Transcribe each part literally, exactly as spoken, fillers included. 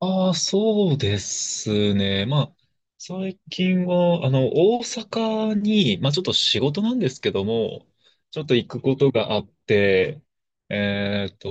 ああ、そうですね。まあ、最近は、あの、大阪に、まあ、ちょっと仕事なんですけども、ちょっと行くことがあって、えっと、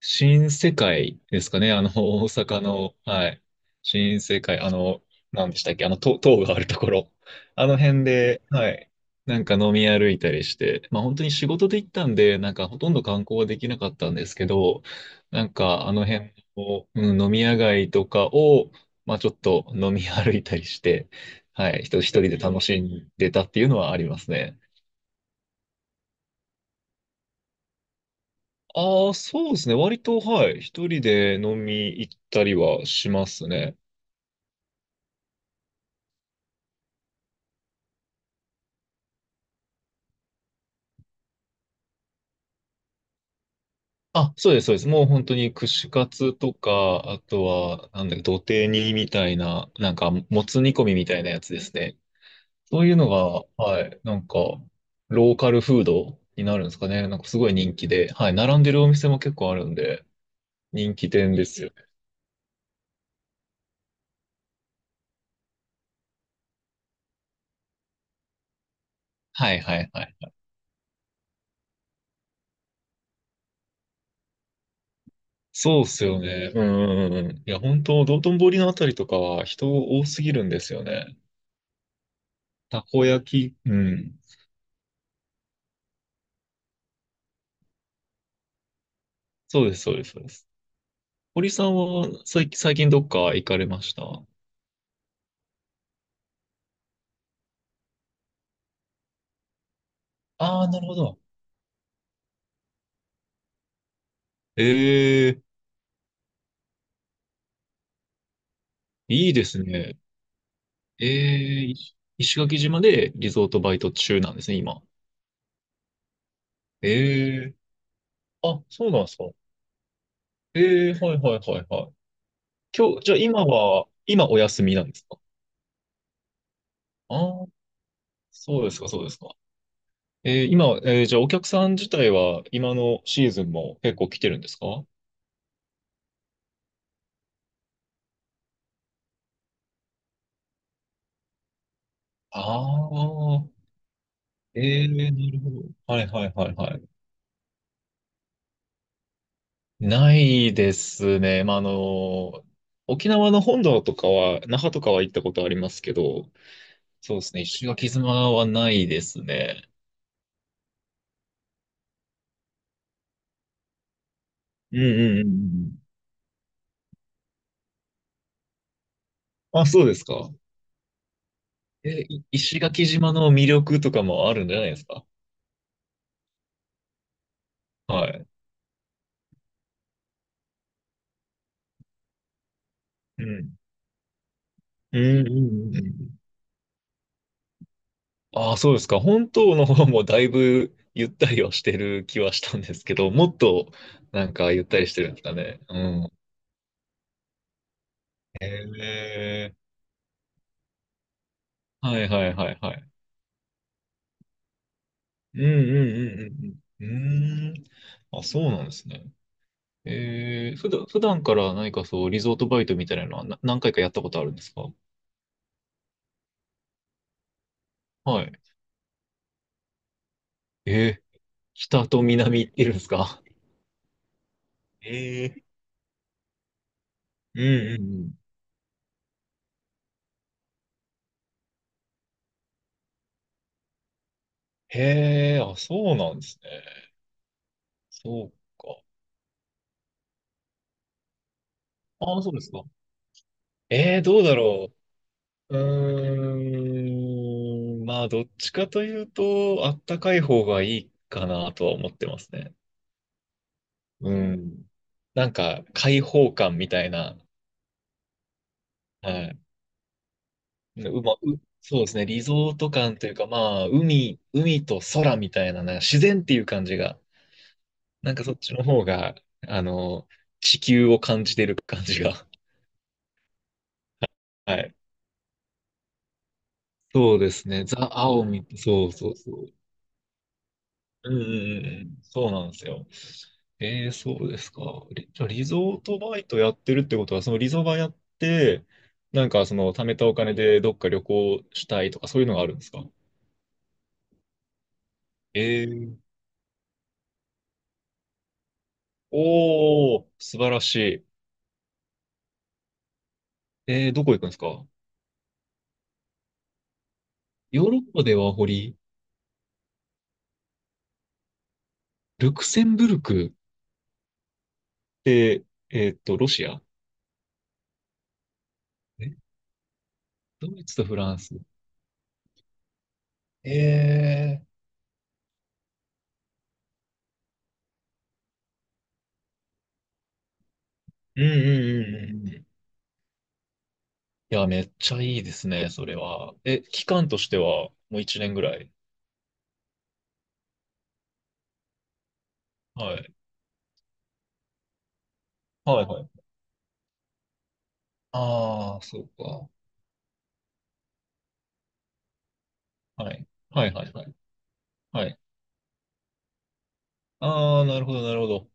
新世界ですかね、あの、大阪の、はい。新世界、あの、何でしたっけ、あの、塔、塔があるところ。あの辺で、はい。なんか飲み歩いたりして、まあ本当に仕事で行ったんで、なんかほとんど観光はできなかったんですけど、なんかあの辺を、うん、飲み屋街とかを、まあちょっと飲み歩いたりして、はい、一人一人で楽しんでたっていうのはありますね。ああ、そうですね。割と、はい。一人で飲み行ったりはしますね。あ、そうです、そうです。もう本当に串カツとか、あとは、なんだっけ、土手煮みたいな、なんか、もつ煮込みみたいなやつですね。そういうのが、はい、なんか、ローカルフードになるんですかね。なんかすごい人気で、はい、並んでるお店も結構あるんで、人気店ですよね。はいはいはい。そうっすよね。うんうんうんうん。いや、本当道頓堀のあたりとかは人多すぎるんですよね。たこ焼き、うん。そうです、そうです、そうです。堀さんは最近、最近どっか行かれました？ああ、なるほど。ええ、いいですね。ええ、い石垣島でリゾートバイト中なんですね、今。ええ、あ、そうなんですか。ええ、はいはいはいはい。今日、じゃあ今は、今お休みなんですか？ああー、そうですか、そうですか。えー今、えーじゃあお客さん自体は今のシーズンも結構来てるんですか？ああー、ええ、なるほど。はいはいはいはい。ないですね。まあ、あの、沖縄の本土とかは、那覇とかは行ったことありますけど、そうですね。石垣島はないですね。うんうんうんうん。あ、そうですか。え、い石垣島の魅力とかもあるんじゃないですか。はい。うん。うんうんうんうん。ああ、そうですか。本島の方もだいぶゆったりはしてる気はしたんですけど、もっとなんかゆったりしてるんですかね。うん。へえ。はいはいはいはい。うんうんうんうんうん。うーん。あ、そうなんですね。えー、普段、普段から何かそう、リゾートバイトみたいなのはな何回かやったことあるんですか？はい。えー、北と南いるんですか？えー、うんうんうん。へえ、あ、そうなんですね。そうか。あ、そうですか。えー、どうだろう。うーん、まあ、どっちかというと、あったかい方がいいかなとは思ってますね。うん。なんか、開放感みたいな、はい。うま、う、そうですね、リゾート感というか、まあ、海、海と空みたいな、なんか自然っていう感じが、なんかそっちの方が、あの、地球を感じてる感じが。はい。そうですね、ザ・青み、そうそうそう。うんうんうんうん、そうなんですよ。えー、そうですか。リ、じゃあリゾートバイトやってるってことは、そのリゾバやって、なんかその貯めたお金でどっか旅行したいとかそういうのがあるんですか？えー、おー、素晴らしい。えー、どこ行くんですか？ヨーロッパではホリルクセンブルクって、えーっと、ロシアえ、ドイツとフランス。えー、うんうんうんうん。いや、めっちゃいいですね、それは。え、期間としては、もういちねんぐらい。はい。はい、はい。ああ、そうか。はい。はい、はい、はい。はい。ああ、なるほど、なるほど。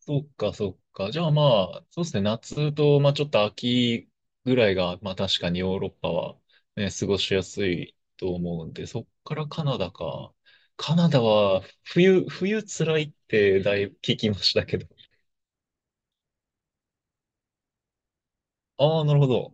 そっか、そっか。じゃあまあ、そうですね、夏と、まあちょっと秋ぐらいが、まあ確かにヨーロッパは、ね、過ごしやすいと思うんで、そっからカナダか。カナダは、冬、冬辛いってだいぶ聞きましたけど。ああ、なるほど。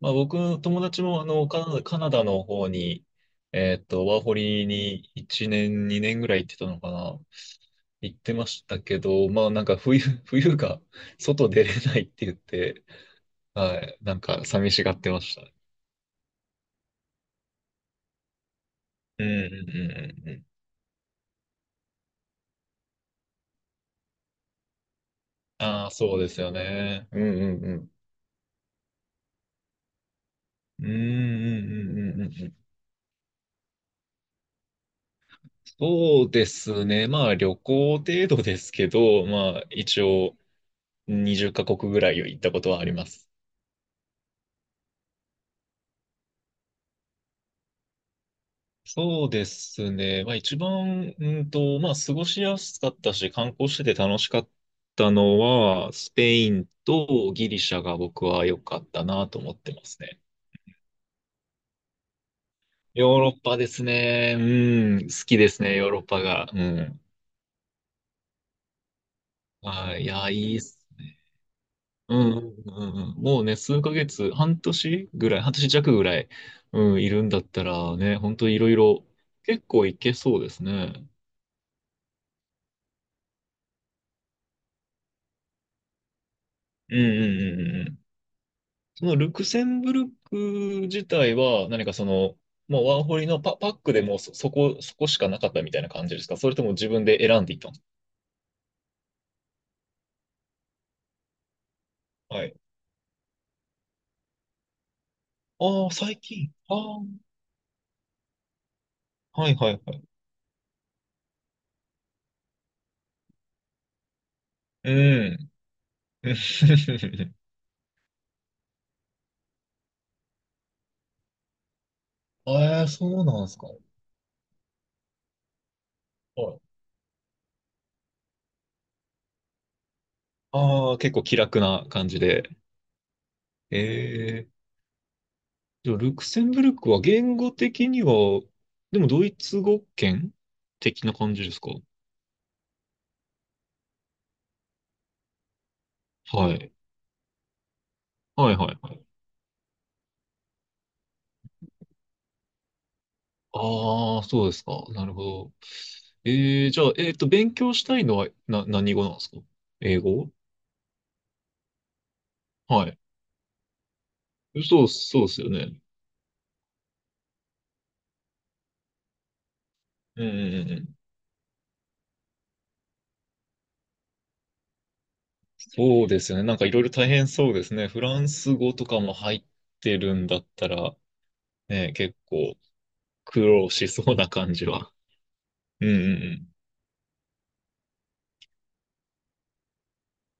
まあ、僕の友達もあのカナダ、カナダ、の方に、えっと、ワーホリにいちねん、にねんぐらい行ってたのかな。行ってましたけど、まあなんか冬、冬が外出れないって言って、はい、なんか寂しがってましたね。うんうんうんうんうん。ああ、そうですよね。うんうんうん。うんうんうんうんうんうん。そうですね。まあ旅行程度ですけど、まあ一応にじゅっカ国ぐらい行ったことはあります。そうですね。まあ一番、うんと、まあ過ごしやすかったし、観光してて楽しかったのは、スペインとギリシャが僕は良かったなと思ってますね。ヨーロッパですね。うん、好きですね、ヨーロッパが。うん。はい、いや、いいっすね。うん、うん、うん。もうね、数ヶ月、半年ぐらい、半年弱ぐらい、うん、いるんだったらね、本当いろいろ結構いけそうですね。うん、うん、うん、うん。そのルクセンブルク自体は何かその、もうワンホリのパ、パックでもうそ、そこ、そこしかなかったみたいな感じですか？それとも自分で選んでいったんですか？はい。ああ、最近。ああ、はいはいはい。うん。ええ、そうなんですか。はい。ああ、結構気楽な感じで。ええ。じゃあルクセンブルクは言語的には、でもドイツ語圏的な感じですか？はい。はいはいはい。ああ、そうですか。なるほど。えー、じゃあ、えっと、勉強したいのは、な、何語なんですか？英語はい。そう、そうですよね。うんうんうんうん。そうですよね。なんかいろいろ大変そうですね。フランス語とかも入ってるんだったら、ね、結構苦労しそうな感じは。うんうん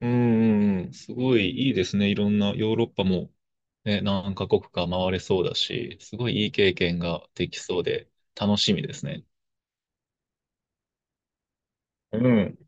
うん。うんうんうん。すごいいいですね。いろんなヨーロッパも、ね、何カ国か回れそうだし、すごいいい経験ができそうで楽しみですね。うん。